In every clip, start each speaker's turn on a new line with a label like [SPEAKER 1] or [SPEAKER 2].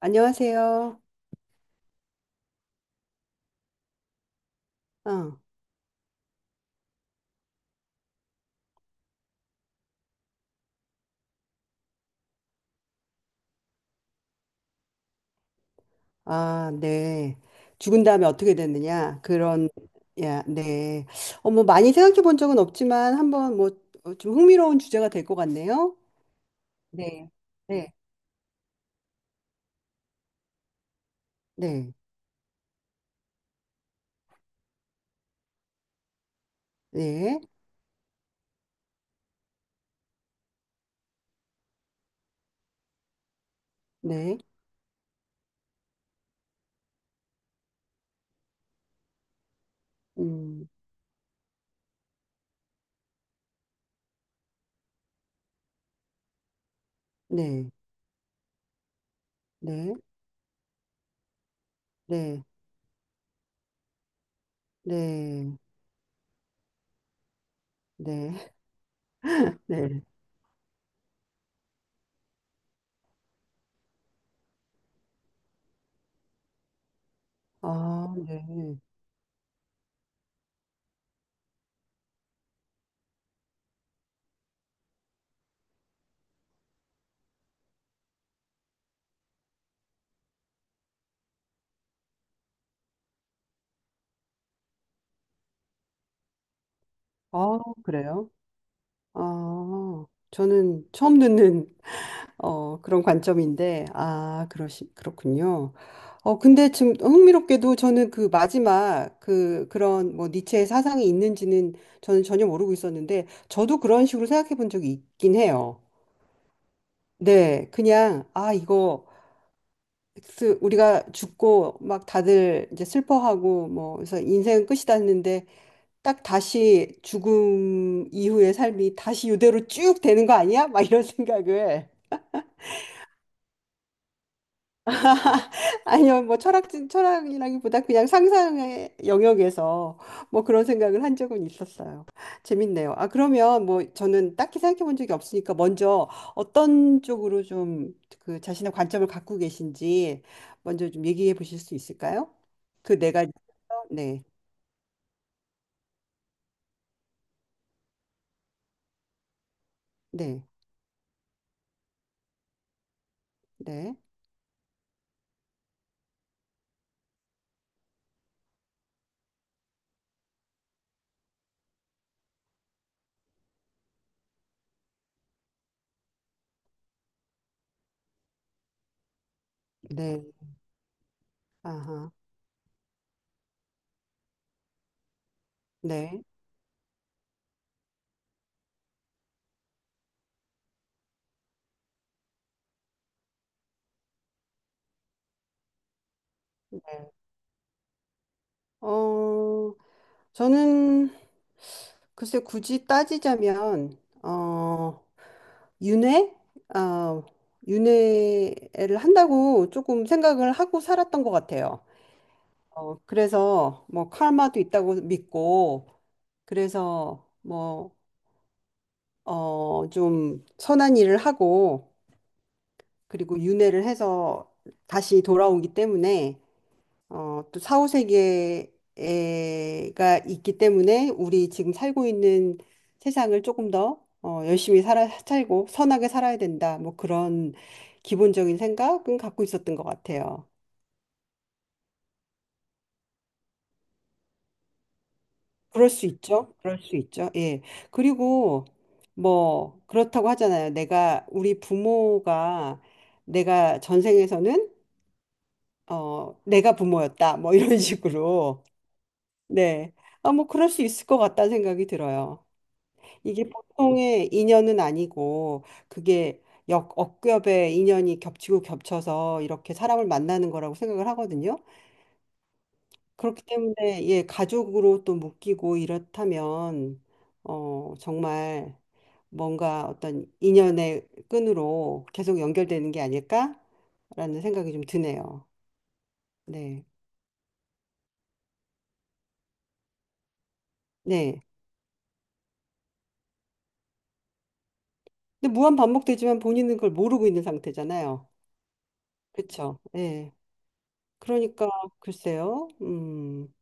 [SPEAKER 1] 안녕하세요. 어, 아, 네. 죽은 다음에 어떻게 됐느냐? 그런, 야, 네. 어, 뭐, 많이 생각해 본 적은 없지만, 한번 뭐, 어, 좀 흥미로운 주제가 될 것 같네요. 네. 네. 네. 네. 네. 음, 네. 네. 네. 네. 네. 네. 아, 네. 아, 그래요? 아, 저는 처음 듣는 어, 그런 관점인데, 아, 그렇군요. 어, 근데 지금 흥미롭게도 저는 그 마지막 그런 뭐 니체의 사상이 있는지는 저는 전혀 모르고 있었는데, 저도 그런 식으로 생각해 본 적이 있긴 해요. 네, 그냥, 아, 이거, 우리가 죽고 막 다들 이제 슬퍼하고 뭐, 그래서 인생은 끝이다 했는데, 딱 다시 죽음 이후의 삶이 다시 이대로 쭉 되는 거 아니야? 막 이런 생각을. 아니요, 뭐 철학진 철학이라기보다 그냥 상상의 영역에서 뭐 그런 생각을 한 적은 있었어요. 재밌네요. 아, 그러면 뭐 저는 딱히 생각해 본 적이 없으니까 먼저 어떤 쪽으로 좀 그 자신의 관점을 갖고 계신지 먼저 좀 얘기해 보실 수 있을까요? 그 네 가지. 네, 네, 네, 네, 아하, 네. 네. 어, 저는 글쎄 굳이 따지자면, 어, 윤회? 어, 윤회를 한다고 조금 생각을 하고 살았던 것 같아요. 어, 그래서 뭐 카르마도 있다고 믿고 그래서 뭐, 어, 좀 선한 일을 하고 그리고 윤회를 해서 다시 돌아오기 때문에 어, 또 사후세계가 있기 때문에 우리 지금 살고 있는 세상을 조금 더 어, 열심히 살고 선하게 살아야 된다. 뭐 그런 기본적인 생각은 갖고 있었던 것 같아요. 그럴 수 있죠. 그럴 수 있죠. 예. 그리고 뭐 그렇다고 하잖아요. 내가 우리 부모가 내가 전생에서는 어, 내가 부모였다. 뭐 이런 식으로. 네. 아, 뭐 그럴 수 있을 것 같다는 생각이 들어요. 이게 보통의 인연은 아니고 그게 역 억겹의 인연이 겹치고 겹쳐서 이렇게 사람을 만나는 거라고 생각을 하거든요. 그렇기 때문에 예, 가족으로 또 묶이고 이렇다면 어 정말 뭔가 어떤 인연의 끈으로 계속 연결되는 게 아닐까라는 생각이 좀 드네요. 네. 네. 근데 무한 반복되지만 본인은 그걸 모르고 있는 상태잖아요. 그렇죠. 예. 그러니까 글쎄요. 음.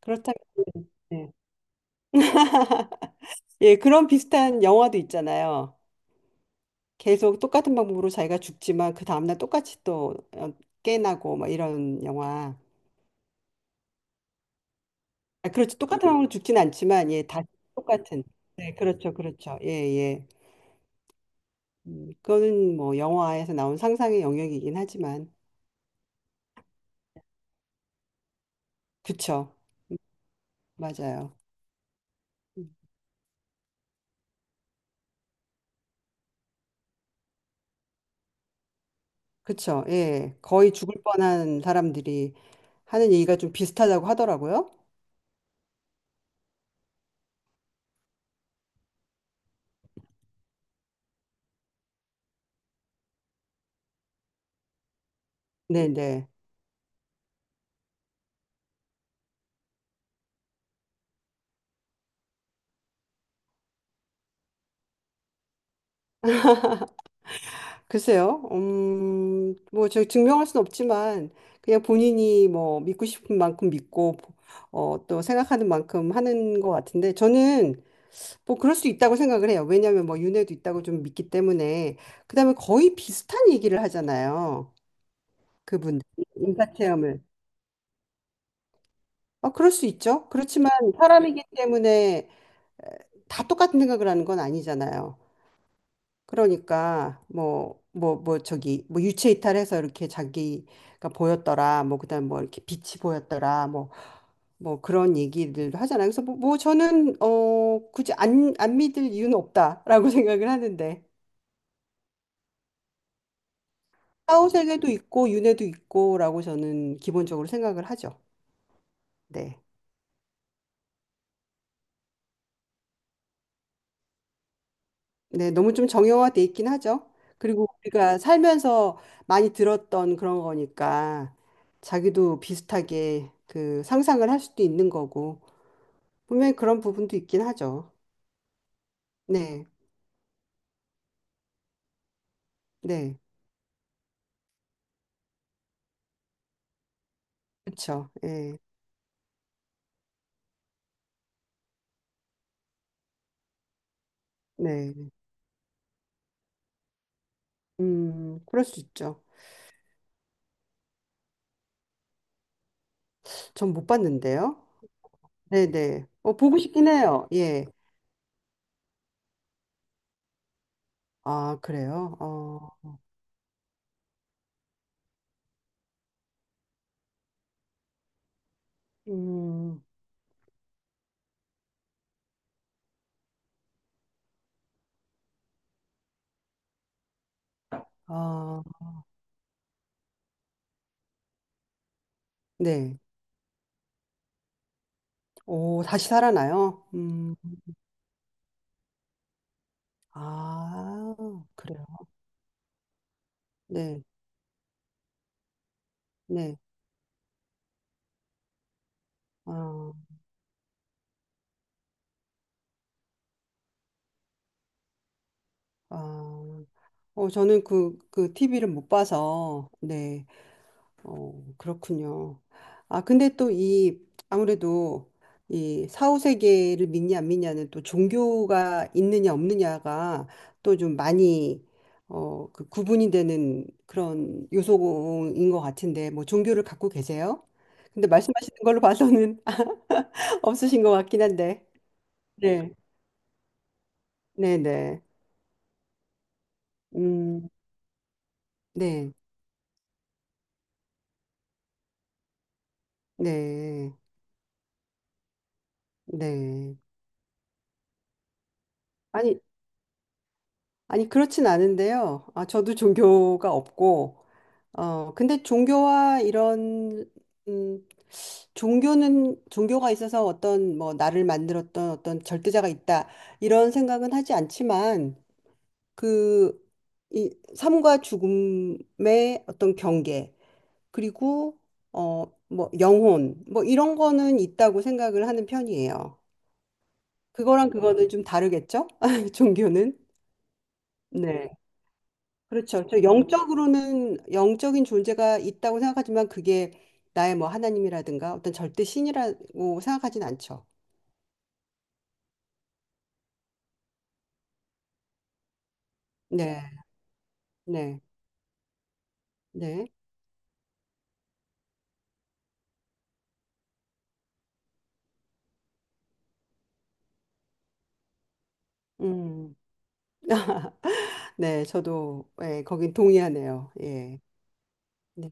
[SPEAKER 1] 그렇다면 네. 예, 그런 비슷한 영화도 있잖아요. 계속 똑같은 방법으로 자기가 죽지만 그 다음날 똑같이 또 어, 깨나고 뭐 이런 영화. 아, 그렇죠. 똑같은 방법으로 죽진 않지만 예, 다시 똑같은. 네, 그렇죠, 그렇죠. 예, 예. 그거는 뭐 영화에서 나온 상상의 영역이긴 하지만 그쵸, 맞아요. 음, 그쵸, 예. 거의 죽을 뻔한 사람들이 하는 얘기가 좀 비슷하다고 하더라고요. 네, 네. 글쎄요. 뭐, 저 증명할 수는 없지만, 그냥 본인이 뭐, 믿고 싶은 만큼 믿고, 어, 또 생각하는 만큼 하는 것 같은데, 저는 뭐, 그럴 수 있다고 생각을 해요. 왜냐하면 뭐, 윤회도 있다고 좀 믿기 때문에. 그다음에 거의 비슷한 얘기를 하잖아요. 그분, 인사 체험을. 아, 그럴 수 있죠. 그렇지만 사람이기 때문에 다 똑같은 생각을 하는 건 아니잖아요. 그러니까 뭐 저기 뭐 유체 이탈해서 이렇게 자기가 보였더라 뭐 그다음 뭐 이렇게 빛이 보였더라 뭐 그런 얘기들도 하잖아요. 그래서 뭐 저는 어 굳이 안 믿을 이유는 없다라고 생각을 하는데 사후세계도 있고 윤회도 있고라고 저는 기본적으로 생각을 하죠. 네. 네, 너무 좀 정형화돼 있긴 하죠. 그리고 우리가 살면서 많이 들었던 그런 거니까 자기도 비슷하게 그 상상을 할 수도 있는 거고. 분명히 그런 부분도 있긴 하죠. 네, 네, 그렇죠. 네. 네, 그럴 수 있죠. 전 못 봤는데요. 네, 네. 어, 보고 싶긴 해요. 예. 아, 그래요? 어, 음, 아, 네. 오, 다시 살아나요? 아, 그래요. 네, 네. 아, 아, 어, 저는 그 TV를 못 봐서, 네. 어, 그렇군요. 아, 근데 또 아무래도 이 사후세계를 믿냐 안 믿냐는 또 종교가 있느냐 없느냐가 또 좀 많이 어, 그 구분이 되는 그런 요소인 것 같은데, 뭐 종교를 갖고 계세요? 근데 말씀하시는 걸로 봐서는 없으신 것 같긴 한데. 네, 네, 네. 음, 네, 네, 네. 아니, 아니, 그렇진 않은데요. 아, 저도 종교가 없고, 어, 근데 종교와 이런, 음, 종교가 있어서 어떤, 뭐, 나를 만들었던 어떤 절대자가 있다, 이런 생각은 하지 않지만, 그, 이 삶과 죽음의 어떤 경계, 그리고, 어, 뭐, 영혼, 뭐, 이런 거는 있다고 생각을 하는 편이에요. 그거랑 그거는 좀 다르겠죠? 종교는? 네 그렇죠. 영적으로는 영적인 존재가 있다고 생각하지만 그게 나의 뭐 하나님이라든가 어떤 절대 신이라고 생각하진 않죠. 네, 네, 네, 음, 네, 저도 예, 거긴 동의하네요. 예, 네,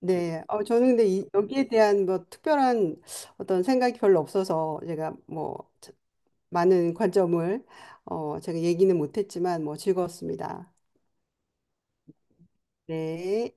[SPEAKER 1] 네. 어, 저는 근데 여기에 대한 뭐 특별한 어떤 생각이 별로 없어서 제가 뭐 많은 관점을 어, 제가 얘기는 못했지만 뭐 즐거웠습니다. 네.